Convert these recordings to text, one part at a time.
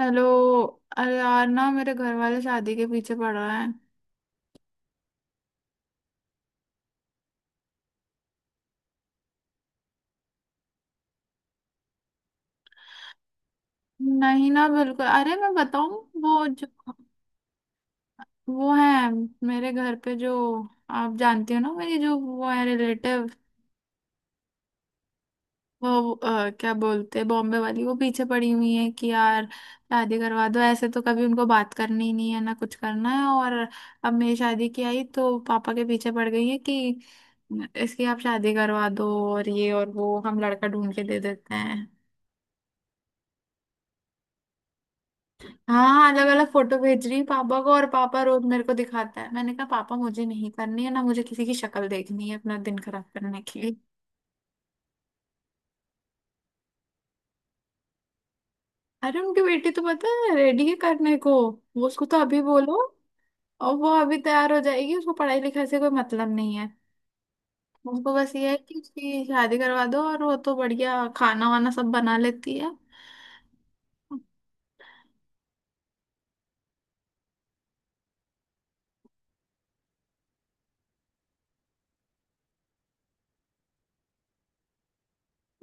Hello. अरे यार ना मेरे घर वाले शादी के पीछे पड़ रहे हैं। नहीं ना बिल्कुल। अरे मैं बताऊं वो जो वो है मेरे घर पे जो, आप जानती हो ना मेरी जो वो है रिलेटिव, वो क्या बोलते हैं, बॉम्बे वाली, वो पीछे पड़ी हुई है कि यार शादी करवा दो। ऐसे तो कभी उनको बात करनी ही नहीं है ना, कुछ करना है और अब मेरी शादी की आई तो पापा के पीछे पड़ गई है कि इसकी आप शादी करवा दो, और ये और वो, हम लड़का ढूंढ के दे देते हैं। हाँ अलग अलग फोटो भेज रही है पापा को, और पापा रोज मेरे को दिखाता है। मैंने कहा पापा मुझे नहीं करनी है ना, मुझे किसी की शक्ल देखनी है अपना दिन खराब करने के लिए। अरे उनकी बेटी तो पता है रेडी है करने को। वो उसको तो अभी बोलो और वो अभी तैयार हो जाएगी। उसको पढ़ाई लिखाई से कोई मतलब नहीं है, उसको बस ये है कि उसकी शादी करवा दो, और वो तो बढ़िया खाना वाना सब बना लेती है।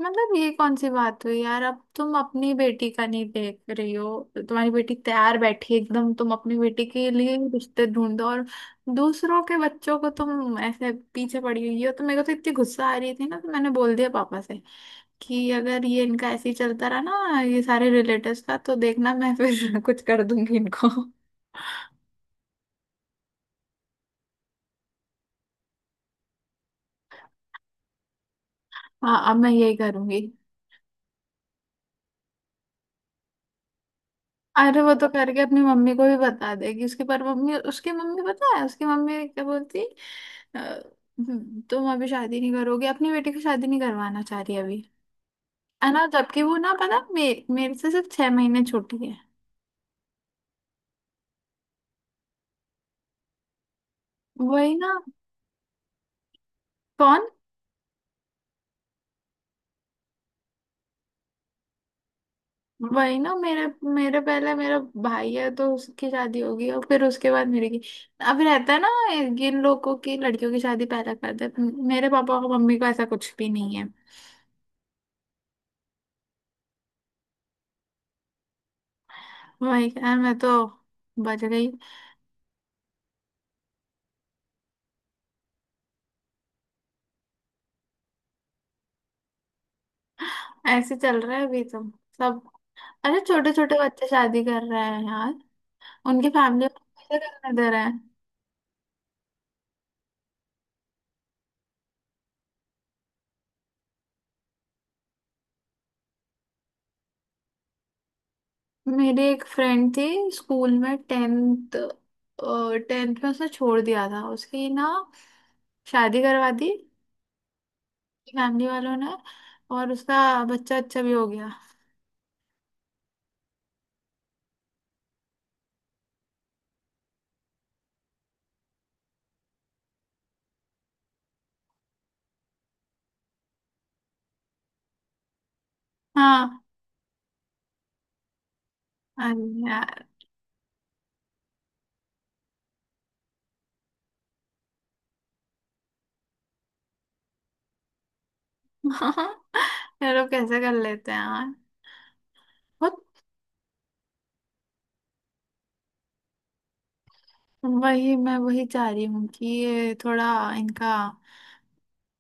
मतलब ये कौन सी बात हुई यार। अब तुम अपनी बेटी का नहीं देख रही हो, तुम्हारी बेटी तैयार बैठी है एकदम, तुम अपनी बेटी के लिए ही रिश्ते ढूंढो, और दूसरों के बच्चों को तुम ऐसे पीछे पड़ी हुई हो। तो मेरे को तो इतनी गुस्सा आ रही थी ना, तो मैंने बोल दिया पापा से कि अगर ये इनका ऐसे ही चलता रहा ना, ये सारे रिलेटिव्स का, तो देखना मैं फिर कुछ कर दूंगी इनको। हाँ अब मैं यही करूंगी। अरे वो तो करके अपनी मम्मी को भी बता देगी उसकी, पर मम्मी, उसकी मम्मी, पता है उसकी मम्मी क्या बोलती, तुम अभी शादी नहीं करोगे", अपनी बेटी की शादी नहीं करवाना चाह रही अभी है ना। जबकि वो ना पता मेरे से सिर्फ छह महीने छोटी है। वही ना। कौन। वही ना। मेरे मेरे पहले मेरा भाई है तो उसकी शादी होगी और फिर उसके बाद मेरी की। अब रहता है ना, इन लोगों की लड़कियों की शादी पहले कर देते। मेरे पापा और मम्मी को ऐसा कुछ भी नहीं है। वही यार, मैं तो बच गई। ऐसे चल रहा है अभी तो सब। अरे छोटे छोटे बच्चे शादी कर रहे हैं यार, उनकी फैमिली कैसे करने दे रहे हैं। मेरी एक फ्रेंड थी स्कूल में, टेंथ टेंथ में उसने छोड़ दिया था। उसकी ना शादी करवा दी फैमिली वालों ने, और उसका बच्चा अच्छा भी हो गया। हाँ। अरे यार। ये लोग कैसे कर लेते हैं यार, बहुत। वही मैं वही चाह रही हूँ कि ये थोड़ा इनका,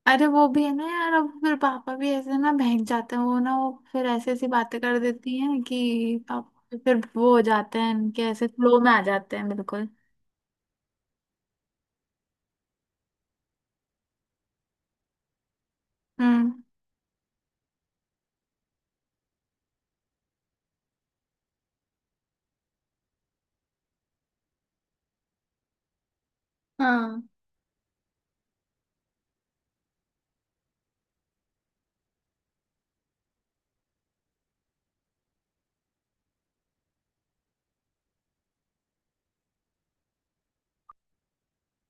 अरे वो भी है ना यार, अब फिर पापा भी ऐसे ना बहक जाते हैं। वो ना वो फिर ऐसी ऐसी बातें कर देती हैं कि पापा फिर वो हो जाते हैं, इनके ऐसे फ्लो में आ जाते हैं बिल्कुल। हम्म। हाँ।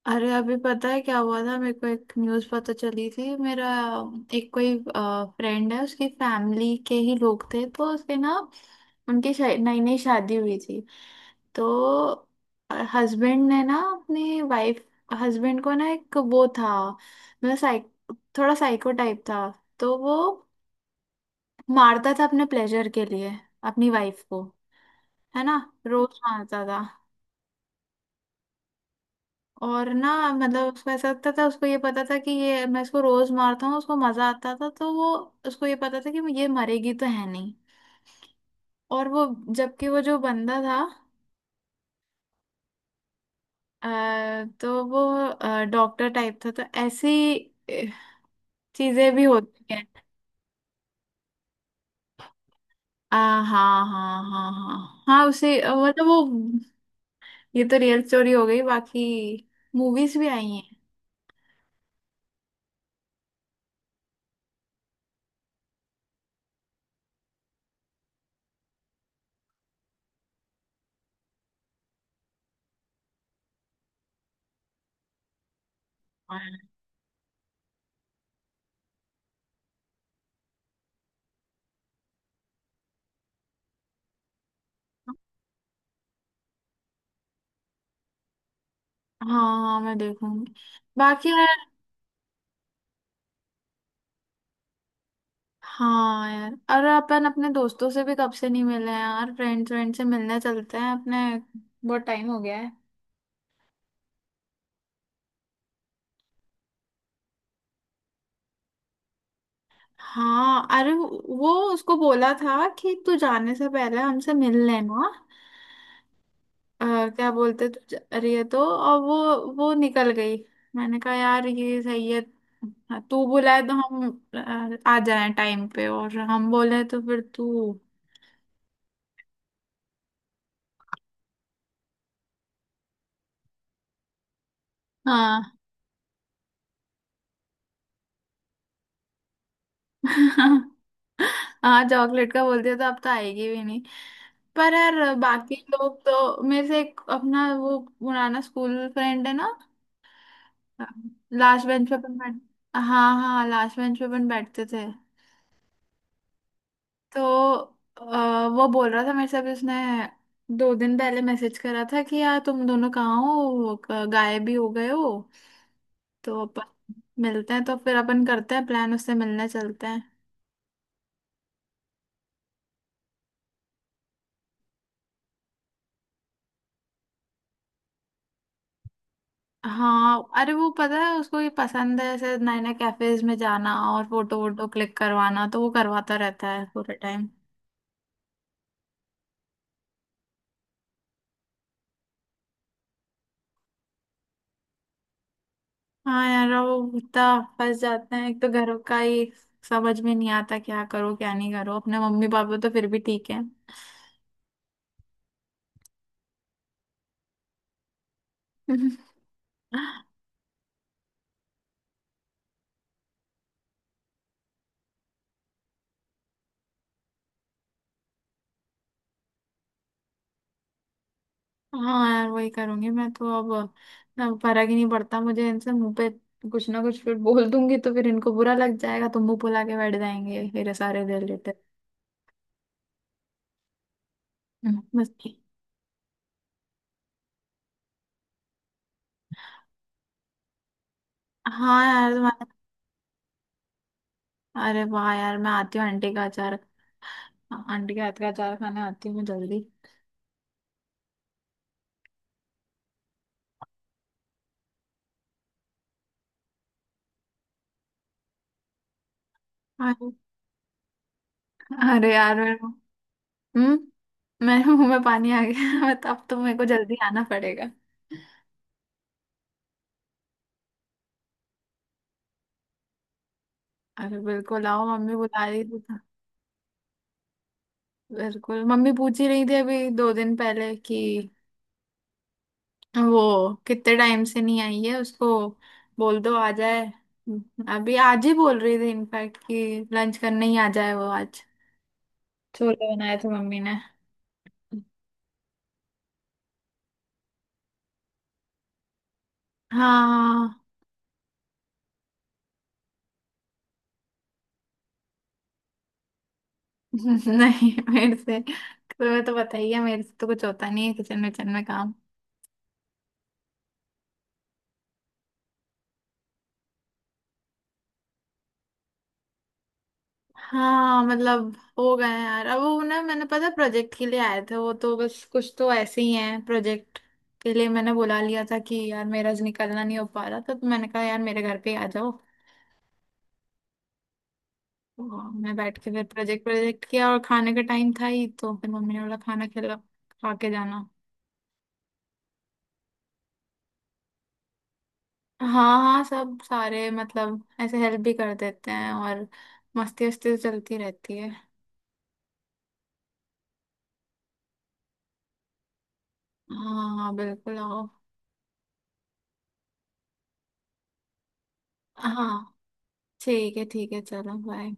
अरे अभी पता है क्या हुआ था, मेरे को एक न्यूज़ पता चली थी। मेरा एक कोई फ्रेंड है, उसकी फैमिली के ही लोग थे, तो उसके ना उनकी नई नई शादी हुई थी। तो हस्बैंड ने ना अपनी वाइफ, हस्बैंड को ना एक वो था मतलब साइक थोड़ा साइको टाइप था। तो वो मारता था अपने प्लेजर के लिए अपनी वाइफ को, है ना, रोज मारता था। और ना मतलब उसको ऐसा लगता था, उसको ये पता था कि ये मैं इसको रोज मारता हूँ, उसको मजा आता था। तो वो, उसको ये पता था कि ये मरेगी तो है नहीं। और वो, जबकि वो जो बंदा था, तो वो डॉक्टर टाइप था। तो ऐसी अ, चीजें भी होती हैं। आ, हाँ हाँ हाँ हाँ। हाँ उसे मतलब वो, ये तो रियल स्टोरी हो गई, बाकी मूवीज भी आई हैं। हाँ। हाँ मैं देखूंगी बाकी। हाँ यार अरे, अपन अपने दोस्तों से भी कब से नहीं मिले हैं यार, फ्रेंड्स फ्रेंड से मिलने चलते हैं अपने, बहुत टाइम हो गया है। हाँ अरे वो उसको बोला था कि तू जाने से पहले हमसे मिल लेना। अ, क्या बोलते, तू जा रही है तो, और वो निकल गई। मैंने कहा यार ये सही है। हाँ, तू बुलाए तो हम आ जाए टाइम पे, और हम बोले तो फिर तू। हाँ। हाँ चॉकलेट का बोलते हो तो अब तो आएगी भी नहीं। पर यार बाकी लोग तो, मेरे से एक अपना वो पुराना स्कूल फ्रेंड है ना, लास्ट बेंच पे अपन बैठ, हाँ हाँ लास्ट बेंच पे अपन बैठते थे। तो वो बोल रहा था मेरे से, अभी उसने दो दिन पहले मैसेज करा था कि यार तुम दोनों कहाँ हो, गायब भी हो गए हो। तो अपन मिलते हैं तो फिर अपन करते हैं प्लान, उससे मिलने चलते हैं। हाँ अरे वो पता है उसको ये पसंद है ऐसे नए नए कैफेज में जाना, और फोटो वोटो क्लिक करवाना, तो वो करवाता रहता है पूरे टाइम। हाँ यार वो इतना फंस जाते हैं, एक तो घरों का ही, समझ में नहीं आता क्या करो क्या नहीं करो। अपने मम्मी पापा तो फिर भी ठीक है। हाँ यार वही करूंगी मैं तो अब फर्क ही नहीं पड़ता मुझे इनसे। मुंह पे कुछ ना कुछ फिर बोल दूंगी तो फिर इनको बुरा लग जाएगा, तो मुंह फुला के बैठ जाएंगे फिर सारे रिलेटेड। मस्ती। हाँ यार। अरे वाह यार मैं आती हूँ, आंटी का अचार, आंटी के हाथ का अचार खाने आती हूँ मैं जल्दी। अरे अरे यार मेरे को-, हम्म, मेरे मुंह में पानी आ गया। मैं तो अब तो, मेरे को जल्दी आना पड़ेगा। अरे बिल्कुल आओ, मम्मी बुला रही थी तो, बिल्कुल मम्मी पूछ ही रही थी अभी दो दिन पहले कि वो कितने टाइम से नहीं आई है, उसको बोल दो आ जाए। अभी आज ही बोल रही थी इनफैक्ट कि लंच करने ही आ जाए वो आज, छोले बनाए थे मम्मी ने। हाँ। नहीं मेरे से, तुम्हें तो बताइए मेरे से तो कुछ होता नहीं है किचन विचन में काम। हाँ मतलब हो गए हैं यार, अब वो ना मैंने पता प्रोजेक्ट के लिए आए थे वो, तो बस कुछ तो ऐसे ही हैं, प्रोजेक्ट के लिए मैंने बुला लिया था कि यार मेरा आज निकलना नहीं हो पा रहा था, तो मैंने कहा यार मेरे घर पे ही आ जाओ। तो मैं बैठ के फिर प्रोजेक्ट प्रोजेक्ट किया, और खाने का टाइम था ही तो फिर मम्मी ने बोला खाना खिला, खा के जाना। हाँ हाँ सब सारे मतलब ऐसे हेल्प भी कर देते हैं, और मस्ती वस्ती तो चलती रहती है। हाँ हाँ बिल्कुल आओ। हाँ ठीक है चलो बाय।